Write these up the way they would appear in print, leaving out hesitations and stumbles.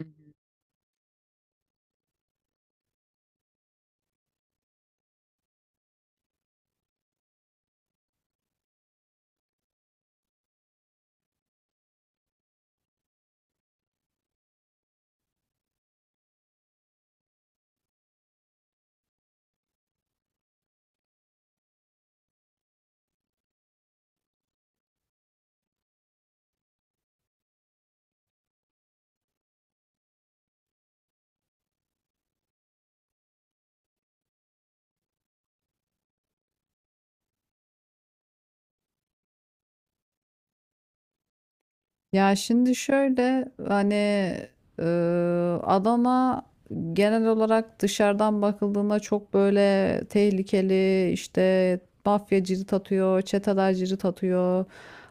Hı hı. Ya şimdi şöyle hani e, Adana genel olarak dışarıdan bakıldığında çok böyle tehlikeli işte mafya cirit atıyor, çeteler cirit atıyor.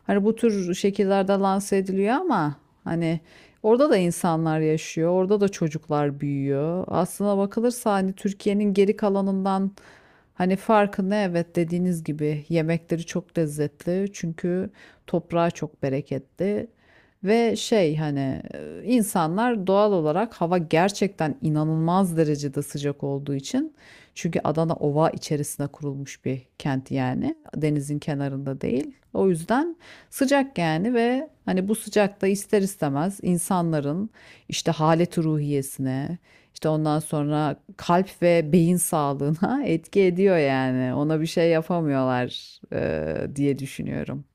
Hani bu tür şekillerde lanse ediliyor ama hani orada da insanlar yaşıyor, orada da çocuklar büyüyor. Aslına bakılırsa hani Türkiye'nin geri kalanından hani farkı ne? Evet dediğiniz gibi yemekleri çok lezzetli çünkü toprağı çok bereketli. Ve şey hani insanlar doğal olarak hava gerçekten inanılmaz derecede sıcak olduğu için çünkü Adana ova içerisine kurulmuş bir kent yani denizin kenarında değil. O yüzden sıcak yani ve hani bu sıcakta ister istemez insanların işte haleti ruhiyesine işte ondan sonra kalp ve beyin sağlığına etki ediyor yani ona bir şey yapamıyorlar diye düşünüyorum.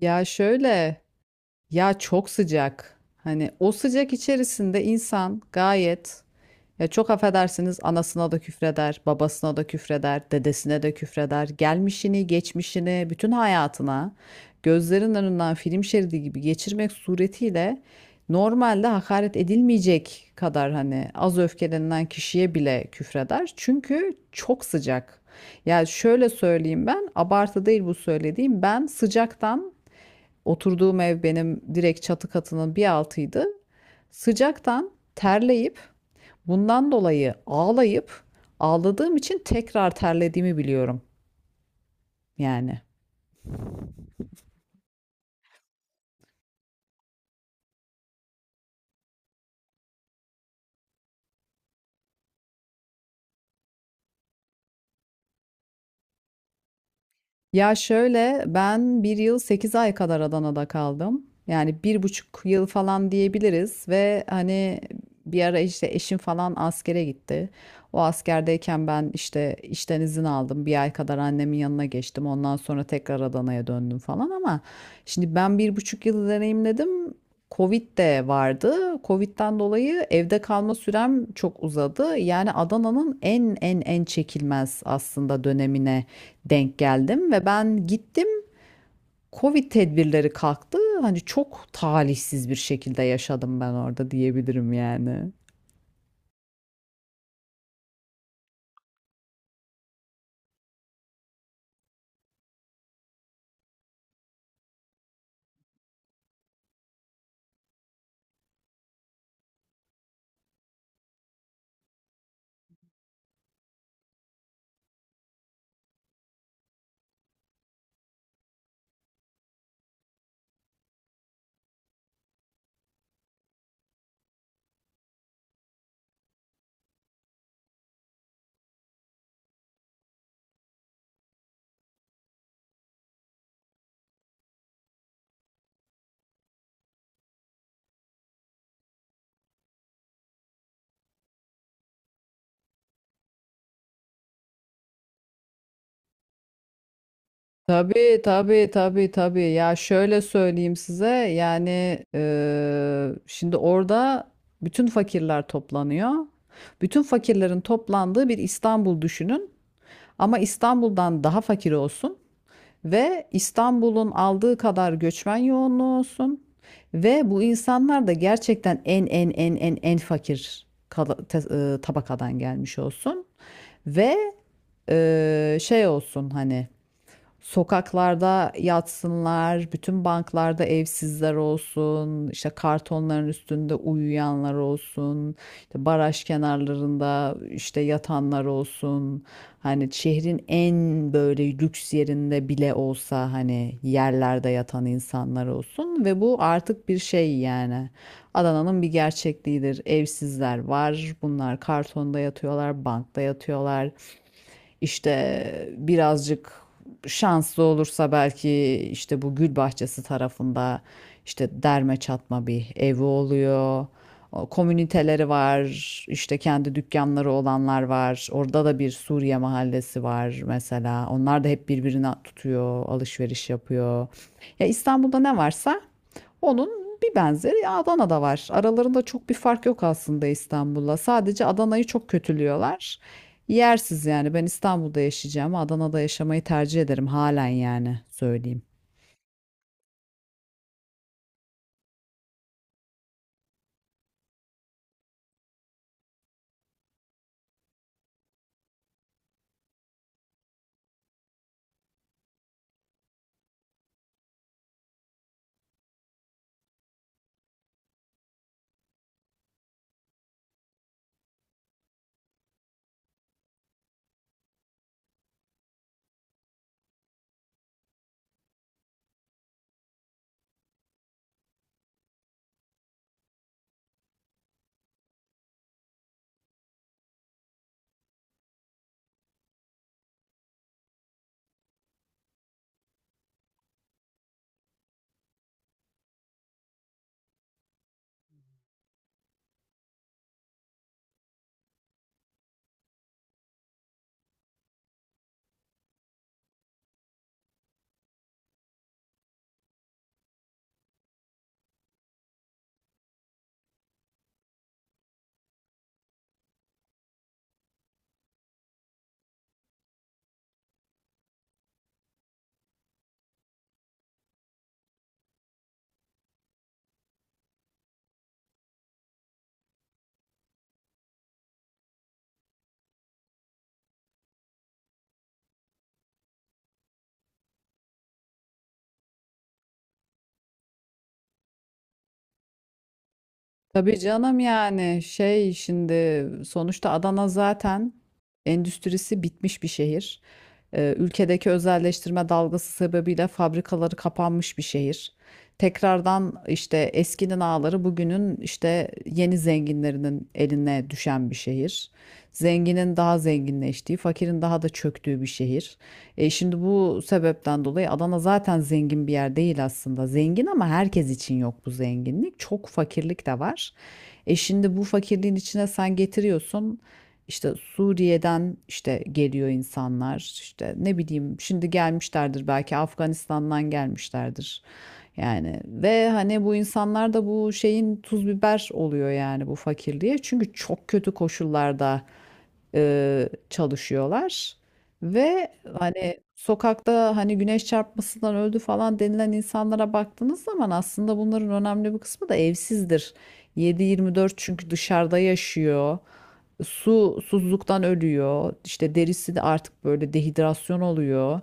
Ya şöyle Ya çok sıcak. Hani o sıcak içerisinde insan gayet ya çok affedersiniz anasına da küfreder, babasına da küfreder, dedesine de küfreder. Gelmişini, geçmişini, bütün hayatına gözlerin önünden film şeridi gibi geçirmek suretiyle normalde hakaret edilmeyecek kadar hani az öfkelenilen kişiye bile küfreder. Çünkü çok sıcak. Ya şöyle söyleyeyim ben, abartı değil bu söylediğim. Ben sıcaktan Oturduğum ev benim direkt çatı katının bir altıydı. Sıcaktan terleyip bundan dolayı ağlayıp ağladığım için tekrar terlediğimi biliyorum yani. Ya şöyle ben bir yıl 8 ay kadar Adana'da kaldım. Yani bir buçuk yıl falan diyebiliriz ve hani bir ara işte eşim falan askere gitti. O askerdeyken ben işte işten izin aldım. Bir ay kadar annemin yanına geçtim. Ondan sonra tekrar Adana'ya döndüm falan ama şimdi ben bir buçuk yıl deneyimledim. Covid de vardı. Covid'den dolayı evde kalma sürem çok uzadı. Yani Adana'nın en en en çekilmez aslında dönemine denk geldim ve ben gittim. Covid tedbirleri kalktı. Hani çok talihsiz bir şekilde yaşadım ben orada diyebilirim yani. Tabii tabii tabii tabii. Ya şöyle söyleyeyim size yani şimdi orada bütün fakirler toplanıyor. Bütün fakirlerin toplandığı bir İstanbul düşünün. Ama İstanbul'dan daha fakir olsun. Ve İstanbul'un aldığı kadar göçmen yoğunluğu olsun. Ve bu insanlar da gerçekten en en en en en fakir tabakadan gelmiş olsun. Ve şey olsun hani Sokaklarda yatsınlar, bütün banklarda evsizler olsun, işte kartonların üstünde uyuyanlar olsun, işte baraj kenarlarında işte yatanlar olsun. Hani şehrin en böyle lüks yerinde bile olsa hani yerlerde yatan insanlar olsun ve bu artık bir şey yani. Adana'nın bir gerçekliğidir. Evsizler var. Bunlar kartonda yatıyorlar, bankta yatıyorlar. İşte birazcık şanslı olursa belki işte bu gül bahçesi tarafında işte derme çatma bir evi oluyor. Komüniteleri var, işte kendi dükkanları olanlar var. Orada da bir Suriye mahallesi var mesela. Onlar da hep birbirini tutuyor, alışveriş yapıyor. Ya İstanbul'da ne varsa onun bir benzeri Adana'da var. Aralarında çok bir fark yok aslında İstanbul'la. Sadece Adana'yı çok kötülüyorlar. Yersiz yani. Ben İstanbul'da yaşayacağım. Adana'da yaşamayı tercih ederim halen yani söyleyeyim. Tabii canım yani şey şimdi sonuçta Adana zaten endüstrisi bitmiş bir şehir. Ülkedeki özelleştirme dalgası sebebiyle fabrikaları kapanmış bir şehir. Tekrardan işte eskinin ağları bugünün işte yeni zenginlerinin eline düşen bir şehir. Zenginin daha zenginleştiği, fakirin daha da çöktüğü bir şehir. Şimdi bu sebepten dolayı Adana zaten zengin bir yer değil aslında. Zengin ama herkes için yok bu zenginlik. Çok fakirlik de var. Şimdi bu fakirliğin içine sen getiriyorsun. İşte Suriye'den işte geliyor insanlar. İşte ne bileyim şimdi gelmişlerdir belki Afganistan'dan gelmişlerdir. Yani ve hani bu insanlar da bu şeyin tuz biber oluyor yani bu fakirliğe. Çünkü çok kötü koşullarda çalışıyorlar. Ve hani sokakta hani güneş çarpmasından öldü falan denilen insanlara baktığınız zaman aslında bunların önemli bir kısmı da evsizdir. 7-24 çünkü dışarıda yaşıyor. Susuzluktan ölüyor. İşte derisi de artık böyle dehidrasyon oluyor.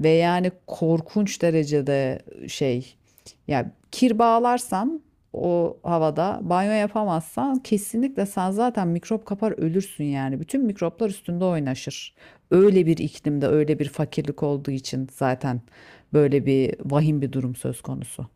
Ve yani korkunç derecede şey yani kir bağlarsan o havada banyo yapamazsan kesinlikle sen zaten mikrop kapar ölürsün yani. Bütün mikroplar üstünde oynaşır. Öyle bir iklimde öyle bir fakirlik olduğu için zaten böyle bir vahim bir durum söz konusu.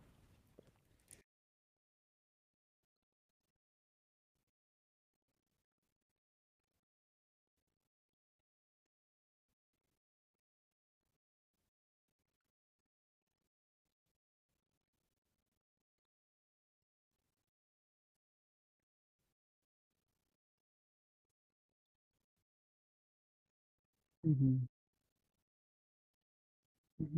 Hı hı. Hı hı.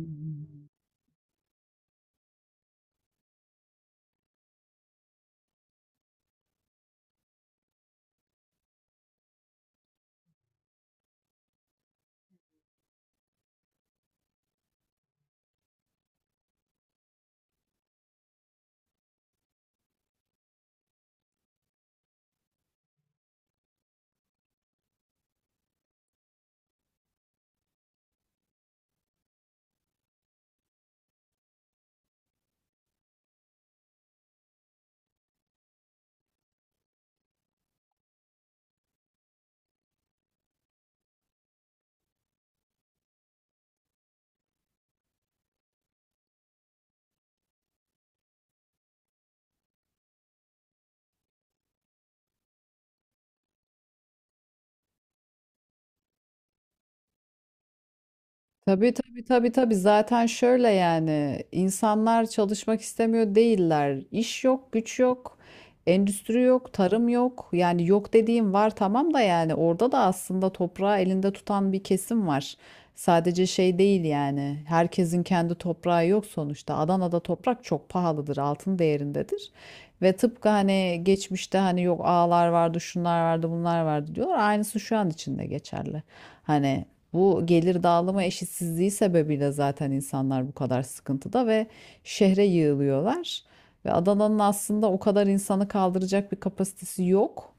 Tabii tabii tabii tabii zaten şöyle yani insanlar çalışmak istemiyor değiller. İş yok, güç yok, endüstri yok, tarım yok. Yani yok dediğim var tamam da yani orada da aslında toprağı elinde tutan bir kesim var. Sadece şey değil yani herkesin kendi toprağı yok sonuçta. Adana'da toprak çok pahalıdır, altın değerindedir. Ve tıpkı hani geçmişte hani yok ağalar vardı, şunlar vardı, bunlar vardı diyor. Aynısı şu an için de geçerli. Hani bu gelir dağılımı eşitsizliği sebebiyle zaten insanlar bu kadar sıkıntıda ve şehre yığılıyorlar. Ve Adana'nın aslında o kadar insanı kaldıracak bir kapasitesi yok.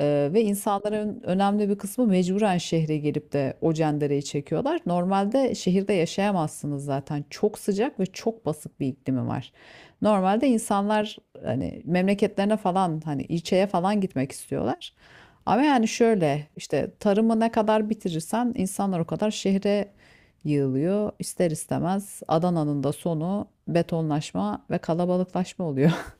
Ve insanların önemli bir kısmı mecburen şehre gelip de o cendereyi çekiyorlar. Normalde şehirde yaşayamazsınız zaten. Çok sıcak ve çok basık bir iklimi var. Normalde insanlar hani memleketlerine falan hani ilçeye falan gitmek istiyorlar. Ama yani şöyle işte tarımı ne kadar bitirirsen insanlar o kadar şehre yığılıyor. İster istemez Adana'nın da sonu betonlaşma ve kalabalıklaşma oluyor.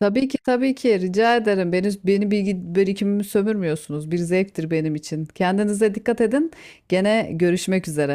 Tabii ki tabii ki rica ederim. Beni, bilgi birikimimi sömürmüyorsunuz. Bir zevktir benim için. Kendinize dikkat edin. Gene görüşmek üzere.